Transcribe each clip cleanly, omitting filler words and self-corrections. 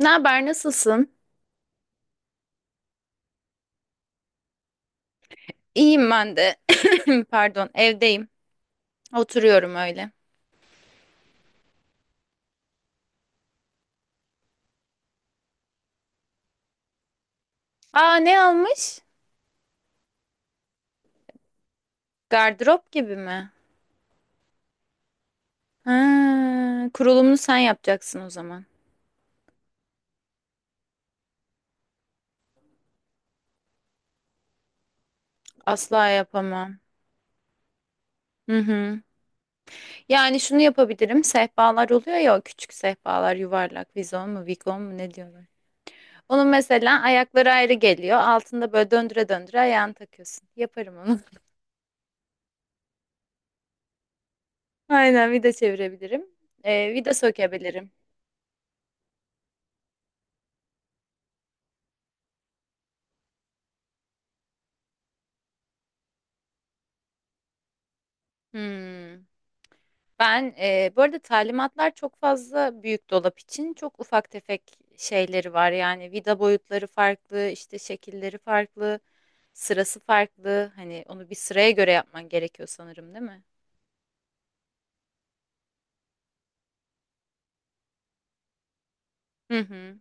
Ne haber, nasılsın? İyiyim ben de. Pardon, evdeyim. Oturuyorum öyle. Aa, ne almış? Gardırop gibi mi? Ha, kurulumunu sen yapacaksın o zaman. Asla yapamam. Hı hı. Yani şunu yapabilirim. Sehpalar oluyor ya, o küçük sehpalar, yuvarlak, vizon mu, vikon mu ne diyorlar. Onun mesela ayakları ayrı geliyor. Altında böyle döndüre döndüre ayağını takıyorsun. Yaparım onu. Aynen vida çevirebilirim. Vida sökebilirim. Hmm. Ben bu arada talimatlar çok fazla büyük dolap için çok ufak tefek şeyleri var. Yani vida boyutları farklı, işte şekilleri farklı, sırası farklı. Hani onu bir sıraya göre yapman gerekiyor sanırım, değil mi? Hı hı.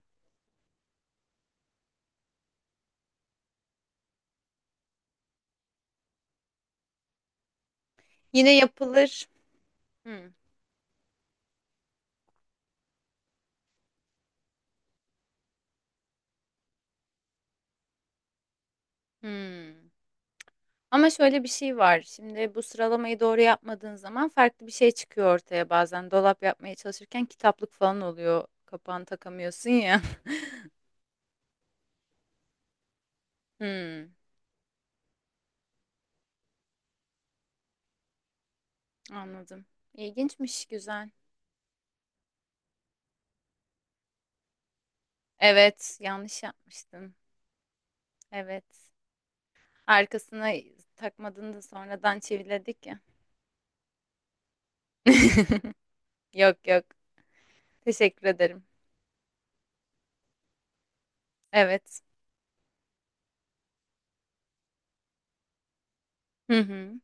Yine yapılır. Hı. Hı. Ama şöyle bir şey var. Şimdi bu sıralamayı doğru yapmadığın zaman farklı bir şey çıkıyor ortaya bazen. Dolap yapmaya çalışırken kitaplık falan oluyor. Kapağını takamıyorsun ya. Hı. Anladım. İlginçmiş, güzel. Evet, yanlış yapmıştım. Evet. Arkasına takmadığını da sonradan çiviledik ya. Yok, yok. Teşekkür ederim. Evet. Hı hı.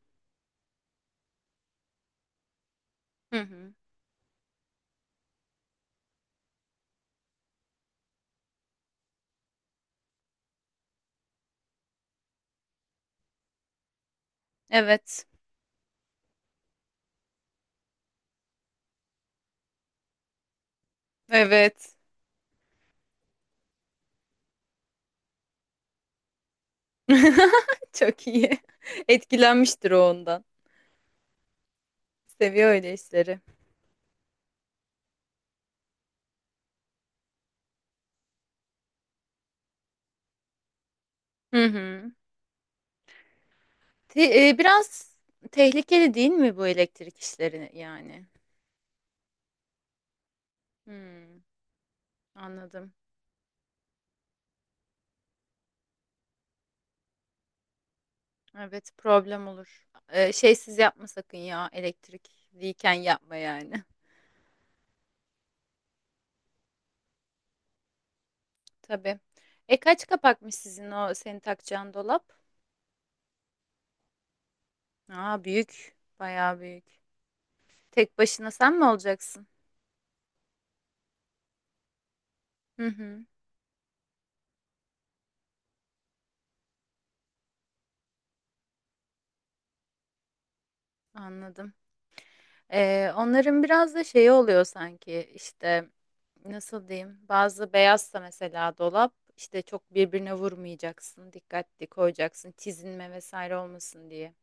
Hı hı. Evet. Evet. Çok iyi. Etkilenmiştir o ondan. Seviyor öyle işleri. Hı hı. Biraz tehlikeli değil mi bu elektrik işleri yani? Hmm, anladım. Evet, problem olur. Şeysiz yapma sakın ya, elektrikliyken yapma yani. Tabii. Kaç kapakmış sizin o senin takacağın dolap? Aa, büyük. Bayağı büyük. Tek başına sen mi olacaksın? Hı hı, anladım. Onların biraz da şeyi oluyor sanki işte, nasıl diyeyim, bazı beyazsa mesela dolap işte çok birbirine vurmayacaksın, dikkatli koyacaksın, çizilme vesaire olmasın diye.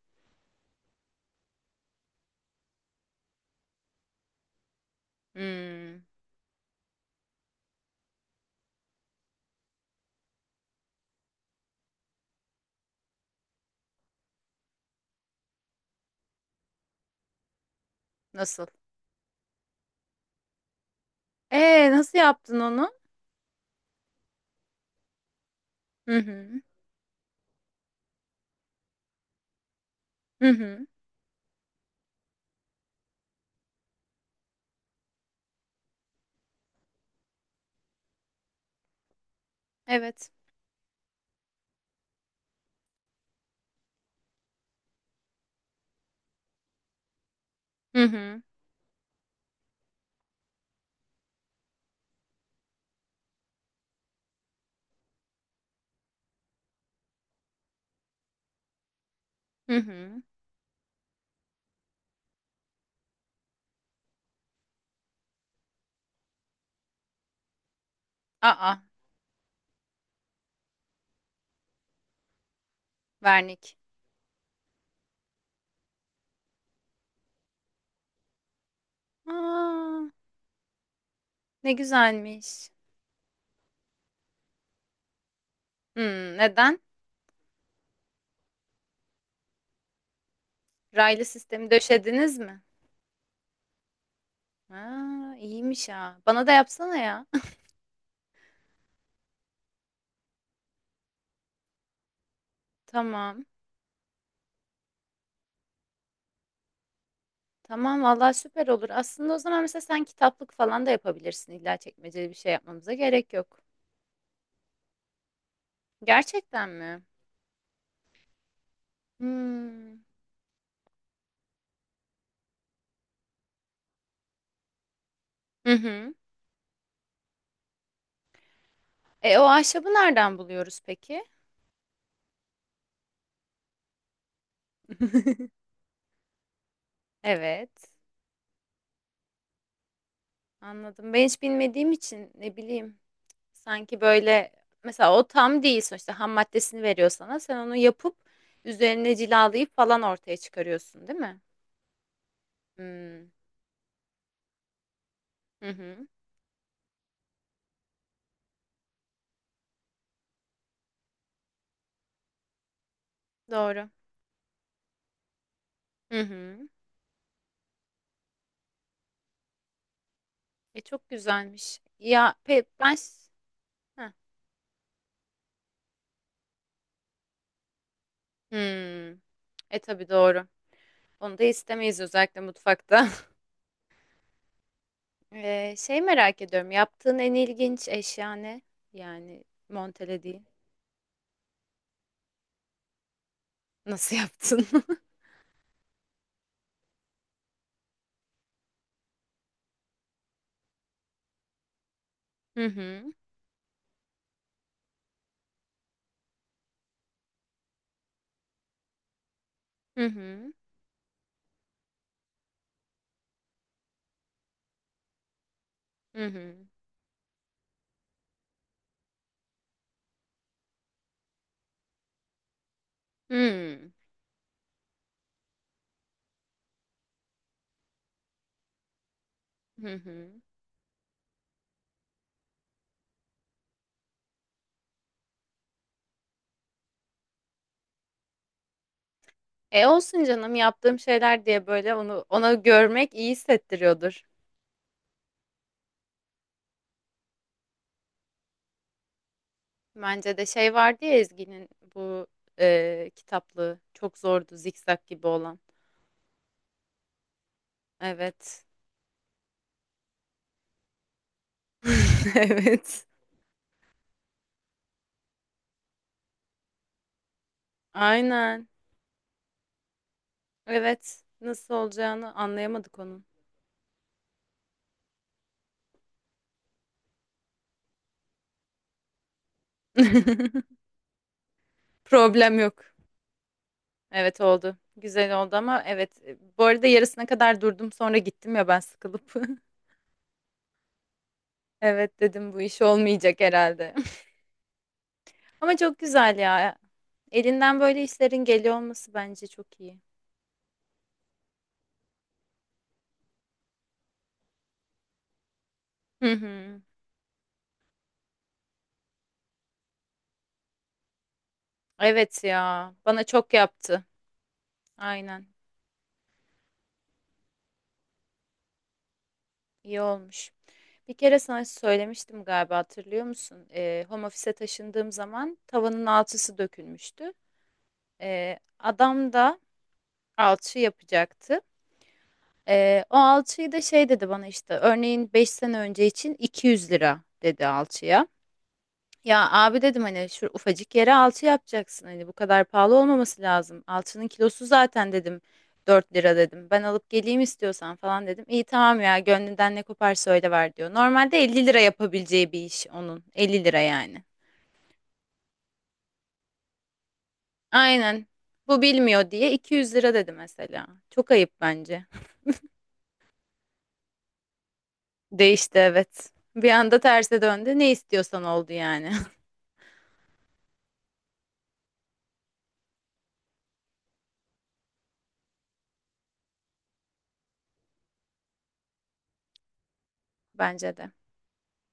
Hmm, nasıl? Nasıl yaptın onu? Hı hı. Hı hı. Evet. Hı hı. Hı hı. Aa, vernik. Aa, ne güzelmiş. Neden? Raylı sistemi döşediniz mi? Aa, iyiymiş ha. Bana da yapsana ya. Tamam. Tamam, vallahi süper olur. Aslında o zaman mesela sen kitaplık falan da yapabilirsin. İlla çekmeceli bir şey yapmamıza gerek yok. Gerçekten mi? Hmm. Hı hı. O ahşabı nereden buluyoruz peki? Evet. Anladım. Ben hiç bilmediğim için ne bileyim. Sanki böyle, mesela o tam değil sonuçta, ham maddesini veriyor sana. Sen onu yapıp üzerine cilalayıp falan ortaya çıkarıyorsun, değil mi? Hmm. Hı hı. Doğru. Hı hı. Çok güzelmiş. Heh. Hmm. Tabii doğru. Onu da istemeyiz özellikle mutfakta. Şey merak ediyorum. Yaptığın en ilginç eşya ne? Yani montelediğin. Nasıl yaptın? Hı hı. Hı hı. Hı hı. Hmm. Hı hı. Olsun canım, yaptığım şeyler diye böyle onu ona görmek iyi hissettiriyordur. Bence de şey vardı ya, Ezgi'nin bu kitaplığı çok zordu, zikzak gibi olan. Evet. Evet. Aynen. Evet. Nasıl olacağını anlayamadık onun. Problem yok. Evet, oldu. Güzel oldu ama, evet. Bu arada yarısına kadar durdum, sonra gittim ya ben, sıkılıp. Evet, dedim bu iş olmayacak herhalde. Ama çok güzel ya. Elinden böyle işlerin geliyor olması bence çok iyi. Hı hı. Evet ya. Bana çok yaptı. Aynen. İyi olmuş. Bir kere sana söylemiştim galiba, hatırlıyor musun? Home office'e taşındığım zaman tavanın alçısı dökülmüştü. Adam da alçı yapacaktı. O alçıyı da şey dedi bana, işte örneğin 5 sene önce için 200 lira dedi alçıya. Ya abi dedim, hani şu ufacık yere alçı yapacaksın, hani bu kadar pahalı olmaması lazım. Alçının kilosu zaten dedim 4 lira, dedim. Ben alıp geleyim istiyorsan falan dedim. İyi tamam ya, gönlünden ne koparsa öyle ver, diyor. Normalde 50 lira yapabileceği bir iş onun. 50 lira yani. Aynen. Bu bilmiyor diye 200 lira dedi mesela. Çok ayıp bence. Değişti, evet. Bir anda terse döndü. Ne istiyorsan oldu yani. Bence de.